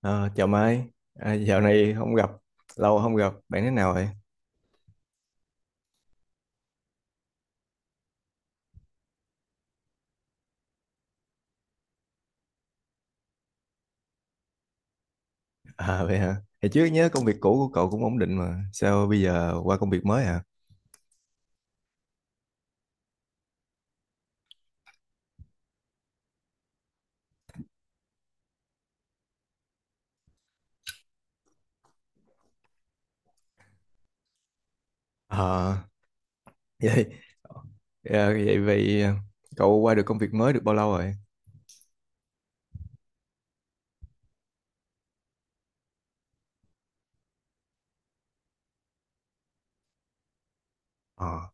Ờ, chào Mai, à, dạo này không gặp, lâu không gặp, bạn thế nào vậy? À, vậy hả? Thì trước nhớ công việc cũ của cậu cũng ổn định mà, sao bây giờ qua công việc mới hả? Ờ, vậy, ờ, vậy vậy ờ, cậu qua được công việc mới được bao lâu rồi? Ờ,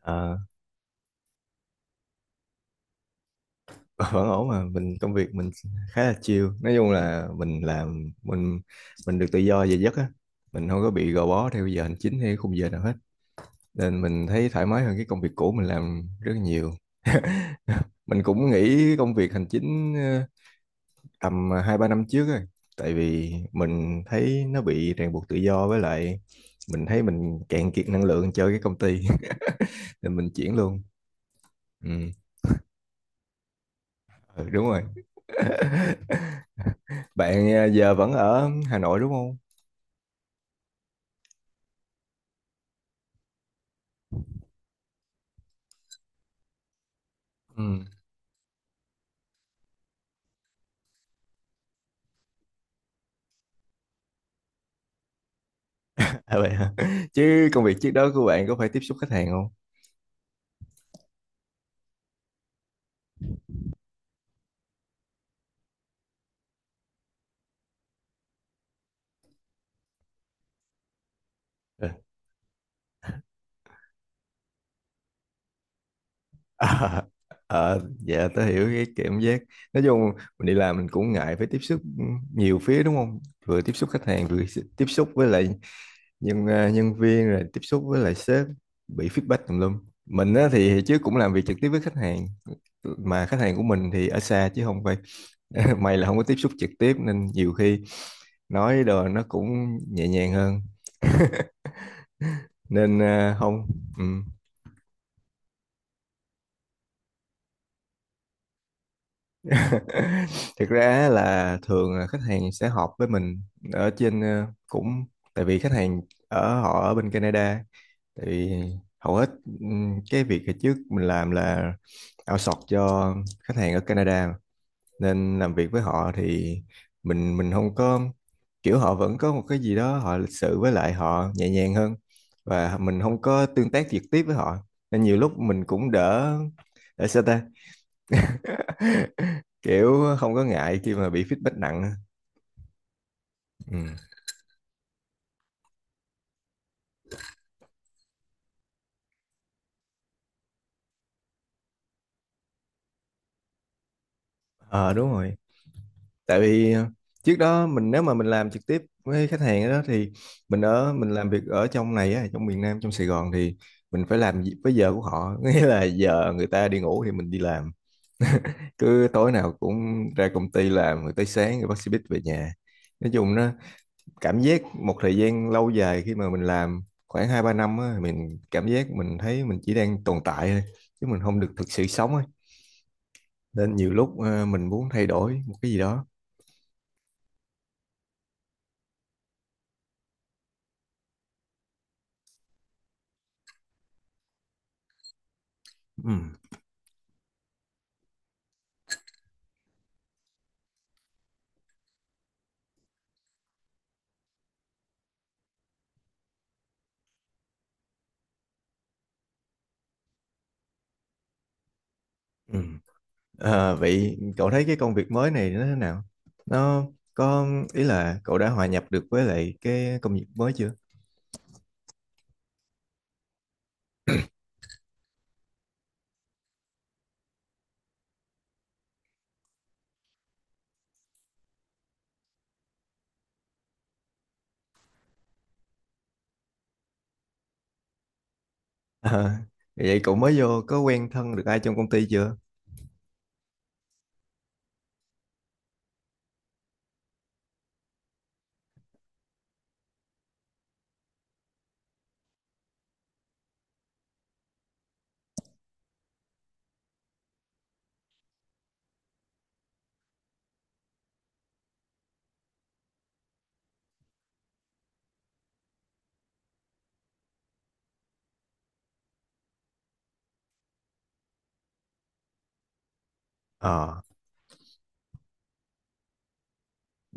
ờ, vẫn ổn mà, mình công việc mình khá là chill, nói chung là mình làm, mình được tự do về giấc á, mình không có bị gò bó theo giờ hành chính hay khung giờ nào hết, nên mình thấy thoải mái hơn cái công việc cũ mình làm rất nhiều. Mình cũng nghỉ công việc hành chính tầm hai ba năm trước rồi, tại vì mình thấy nó bị ràng buộc tự do, với lại mình thấy mình cạn kiệt năng lượng chơi cái công ty. Nên mình chuyển luôn. Ừ. Ừ, đúng rồi. Bạn giờ vẫn ở Hà Nội đúng không? Ừ. À, vậy hả? Chứ công việc trước đó của bạn có phải tiếp xúc khách hàng không? Ờ, ờ, dạ tớ hiểu cái cảm giác. Nói chung mình đi làm mình cũng ngại phải tiếp xúc nhiều phía, đúng không? Vừa tiếp xúc khách hàng, vừa tiếp xúc với lại nhân viên rồi tiếp xúc với lại sếp, bị feedback tùm lum. Mình á, thì trước cũng làm việc trực tiếp với khách hàng, mà khách hàng của mình thì ở xa chứ không phải. May là không có tiếp xúc trực tiếp nên nhiều khi nói đồ nó cũng nhẹ nhàng hơn, nên à, không. Ừ. Thực ra là thường là khách hàng sẽ họp với mình ở trên, cũng tại vì khách hàng họ ở bên Canada, tại vì hầu hết cái việc hồi trước mình làm là outsource cho khách hàng ở Canada mà. Nên làm việc với họ thì mình không có kiểu, họ vẫn có một cái gì đó, họ lịch sự với lại họ nhẹ nhàng hơn, và mình không có tương tác trực tiếp với họ nên nhiều lúc mình cũng đỡ, để sao ta. Kiểu không có ngại khi mà bị feedback nặng. Ừ. Ờ, đúng rồi. Tại vì trước đó mình, nếu mà mình làm trực tiếp với khách hàng đó thì mình làm việc ở trong này á, trong miền Nam, trong Sài Gòn thì mình phải với giờ của họ, nghĩa là giờ người ta đi ngủ thì mình đi làm. Cứ tối nào cũng ra công ty làm rồi tới sáng rồi bác xe buýt về nhà. Nói chung nó cảm giác một thời gian lâu dài, khi mà mình làm khoảng hai ba năm á, mình cảm giác mình thấy mình chỉ đang tồn tại thôi, chứ mình không được thực sự sống ấy. Nên nhiều lúc mình muốn thay đổi một cái gì đó. Ừ. Ừ. Ờ, vậy cậu thấy cái công việc mới này nó thế nào, nó có ý là cậu đã hòa nhập được với lại cái công việc mới chưa? Ờ, vậy cậu mới vô có quen thân được ai trong công ty chưa? Ờ.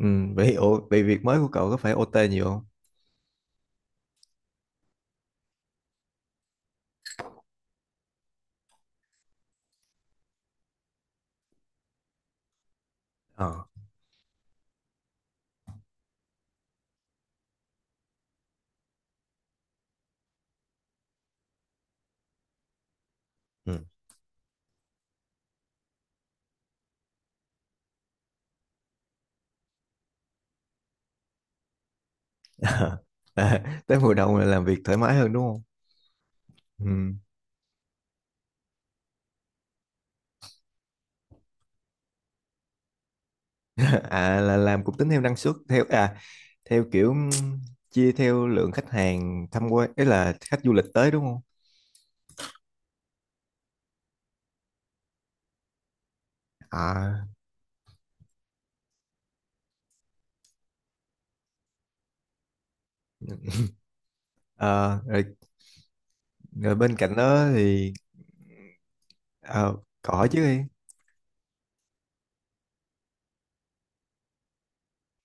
Ừ. Vậy ủa, vậy việc mới của cậu có phải OT nhiều không? Ờ. Ừ. Ờ. À, tới mùa đông là làm việc thoải mái hơn đúng không? Ừm. À, là làm cũng tính theo năng suất, theo kiểu chia theo lượng khách hàng tham quan ấy, là khách du lịch tới đúng không? à, ờ, Rồi, rồi bên cạnh đó thì ờ, cỏ chứ đi.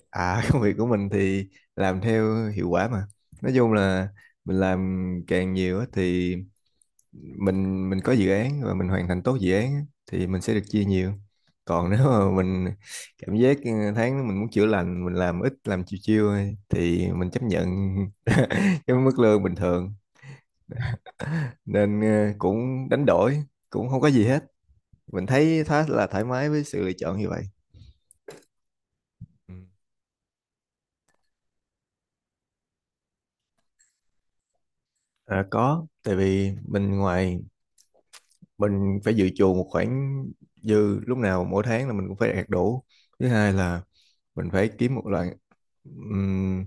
À, công việc của mình thì làm theo hiệu quả mà, nói chung là mình làm càng nhiều á thì mình có dự án và mình hoàn thành tốt dự án á, thì mình sẽ được chia nhiều. Còn nếu mà mình cảm giác tháng mình muốn chữa lành, mình làm ít, làm chiêu chiêu thôi, thì mình chấp nhận cái mức lương bình thường. Nên cũng đánh đổi, cũng không có gì hết, mình thấy khá là thoải mái với sự lựa chọn như vậy. Ừ. À, có. Tại vì mình ngoài, mình phải dự trù một khoản dư, lúc nào mỗi tháng là mình cũng phải đạt đủ. Thứ hai là mình phải kiếm một loại ừm,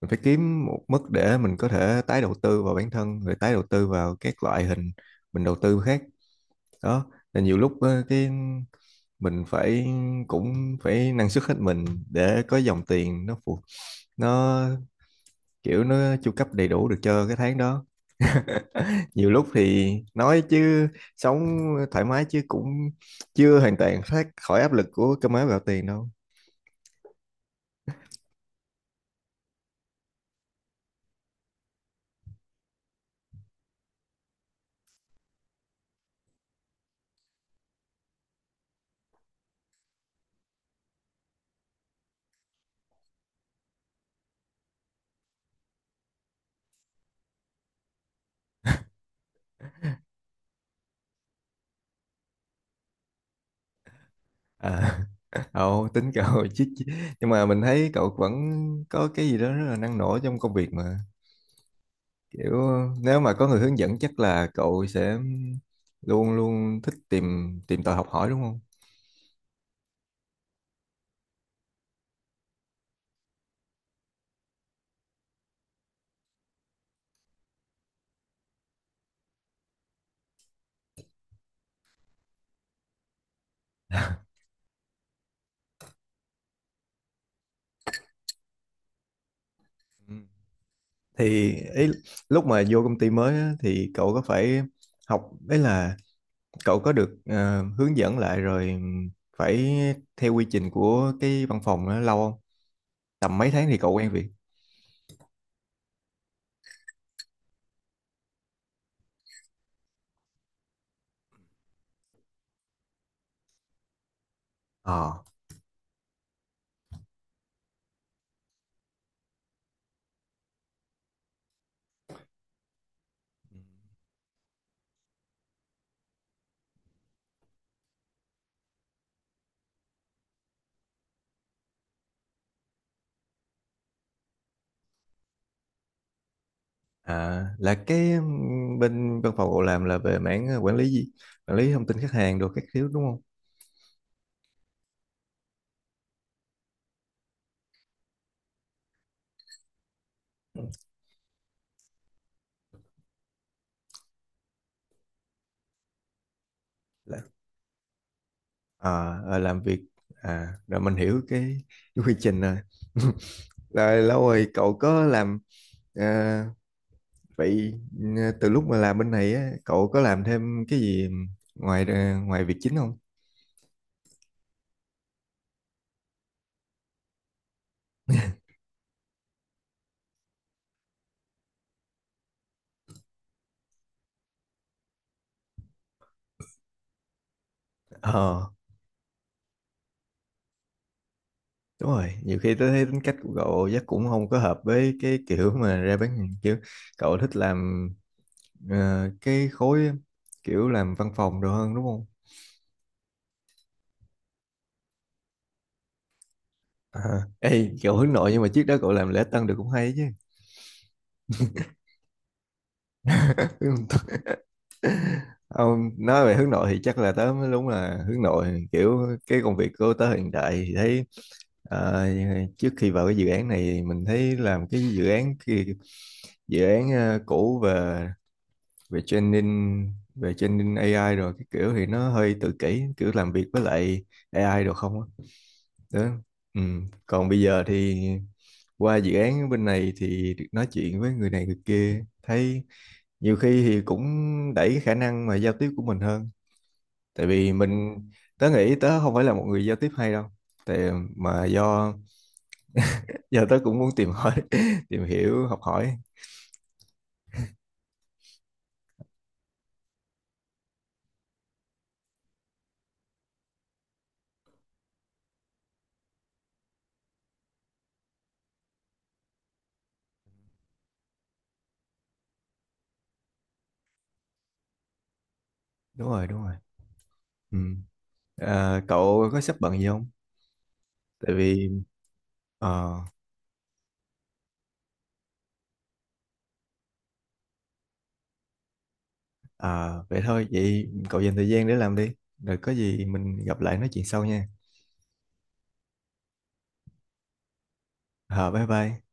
mình phải kiếm một mức để mình có thể tái đầu tư vào bản thân rồi tái đầu tư vào các loại hình mình đầu tư khác đó. Là nhiều lúc cái mình phải cũng phải năng suất hết mình để có dòng tiền nó phù, nó kiểu nó chu cấp đầy đủ được cho cái tháng đó. Nhiều lúc thì nói chứ, sống thoải mái chứ cũng chưa hoàn toàn thoát khỏi áp lực của cơm áo gạo tiền đâu. À, ồ, tính cậu. chứ chứ- Nhưng mà mình thấy cậu vẫn có cái gì đó rất là năng nổ trong công việc mà, kiểu nếu mà có người hướng dẫn chắc là cậu sẽ luôn luôn thích tìm tìm tòi học hỏi đúng không? Ừ. Thì ý, lúc mà vô công ty mới á, thì cậu có phải học, đấy là cậu có được hướng dẫn lại rồi phải theo quy trình của cái văn phòng đó lâu không? Tầm mấy tháng thì cậu quen việc? Ờ. À, là cái bên văn phòng cậu làm là về mảng quản lý gì? Quản lý thông tin khách hàng đồ các thứ đúng không? Là, à, làm việc à, rồi mình hiểu cái quy trình rồi. Rồi lâu rồi cậu có làm ờ, Vậy từ lúc mà làm bên này á, cậu có làm thêm cái gì ngoài ngoài việc chính không? Ờ. Đúng rồi, nhiều khi tôi thấy tính cách của cậu chắc cũng không có hợp với cái kiểu mà ra bán hàng chứ. Cậu thích làm cái khối, kiểu làm văn phòng đồ hơn, đúng không? À, ê, cậu hướng nội nhưng mà trước đó cậu làm lễ tân được cũng hay chứ. Ông nói về hướng nội thì chắc là tớ mới đúng là hướng nội, kiểu cái công việc của tớ hiện tại thì thấy ờ, trước khi vào cái dự án này, mình thấy làm cái dự án kia, dự án cũ về về training AI rồi cái kiểu thì nó hơi tự kỷ, kiểu làm việc với lại AI được không á. Đó. Ừ. Còn bây giờ thì qua dự án bên này thì được nói chuyện với người này người kia, thấy nhiều khi thì cũng đẩy cái khả năng mà giao tiếp của mình hơn. Tại vì mình, tớ nghĩ tớ không phải là một người giao tiếp hay đâu, tại mà do giờ tớ cũng muốn tìm hỏi tìm hiểu học hỏi. Đúng rồi, đúng rồi. Ừ. À, cậu có sắp bận gì không? Tại vì ờ. À, vậy thôi, vậy cậu dành thời gian để làm đi. Rồi có gì mình gặp lại nói chuyện sau nha. À, bye bye.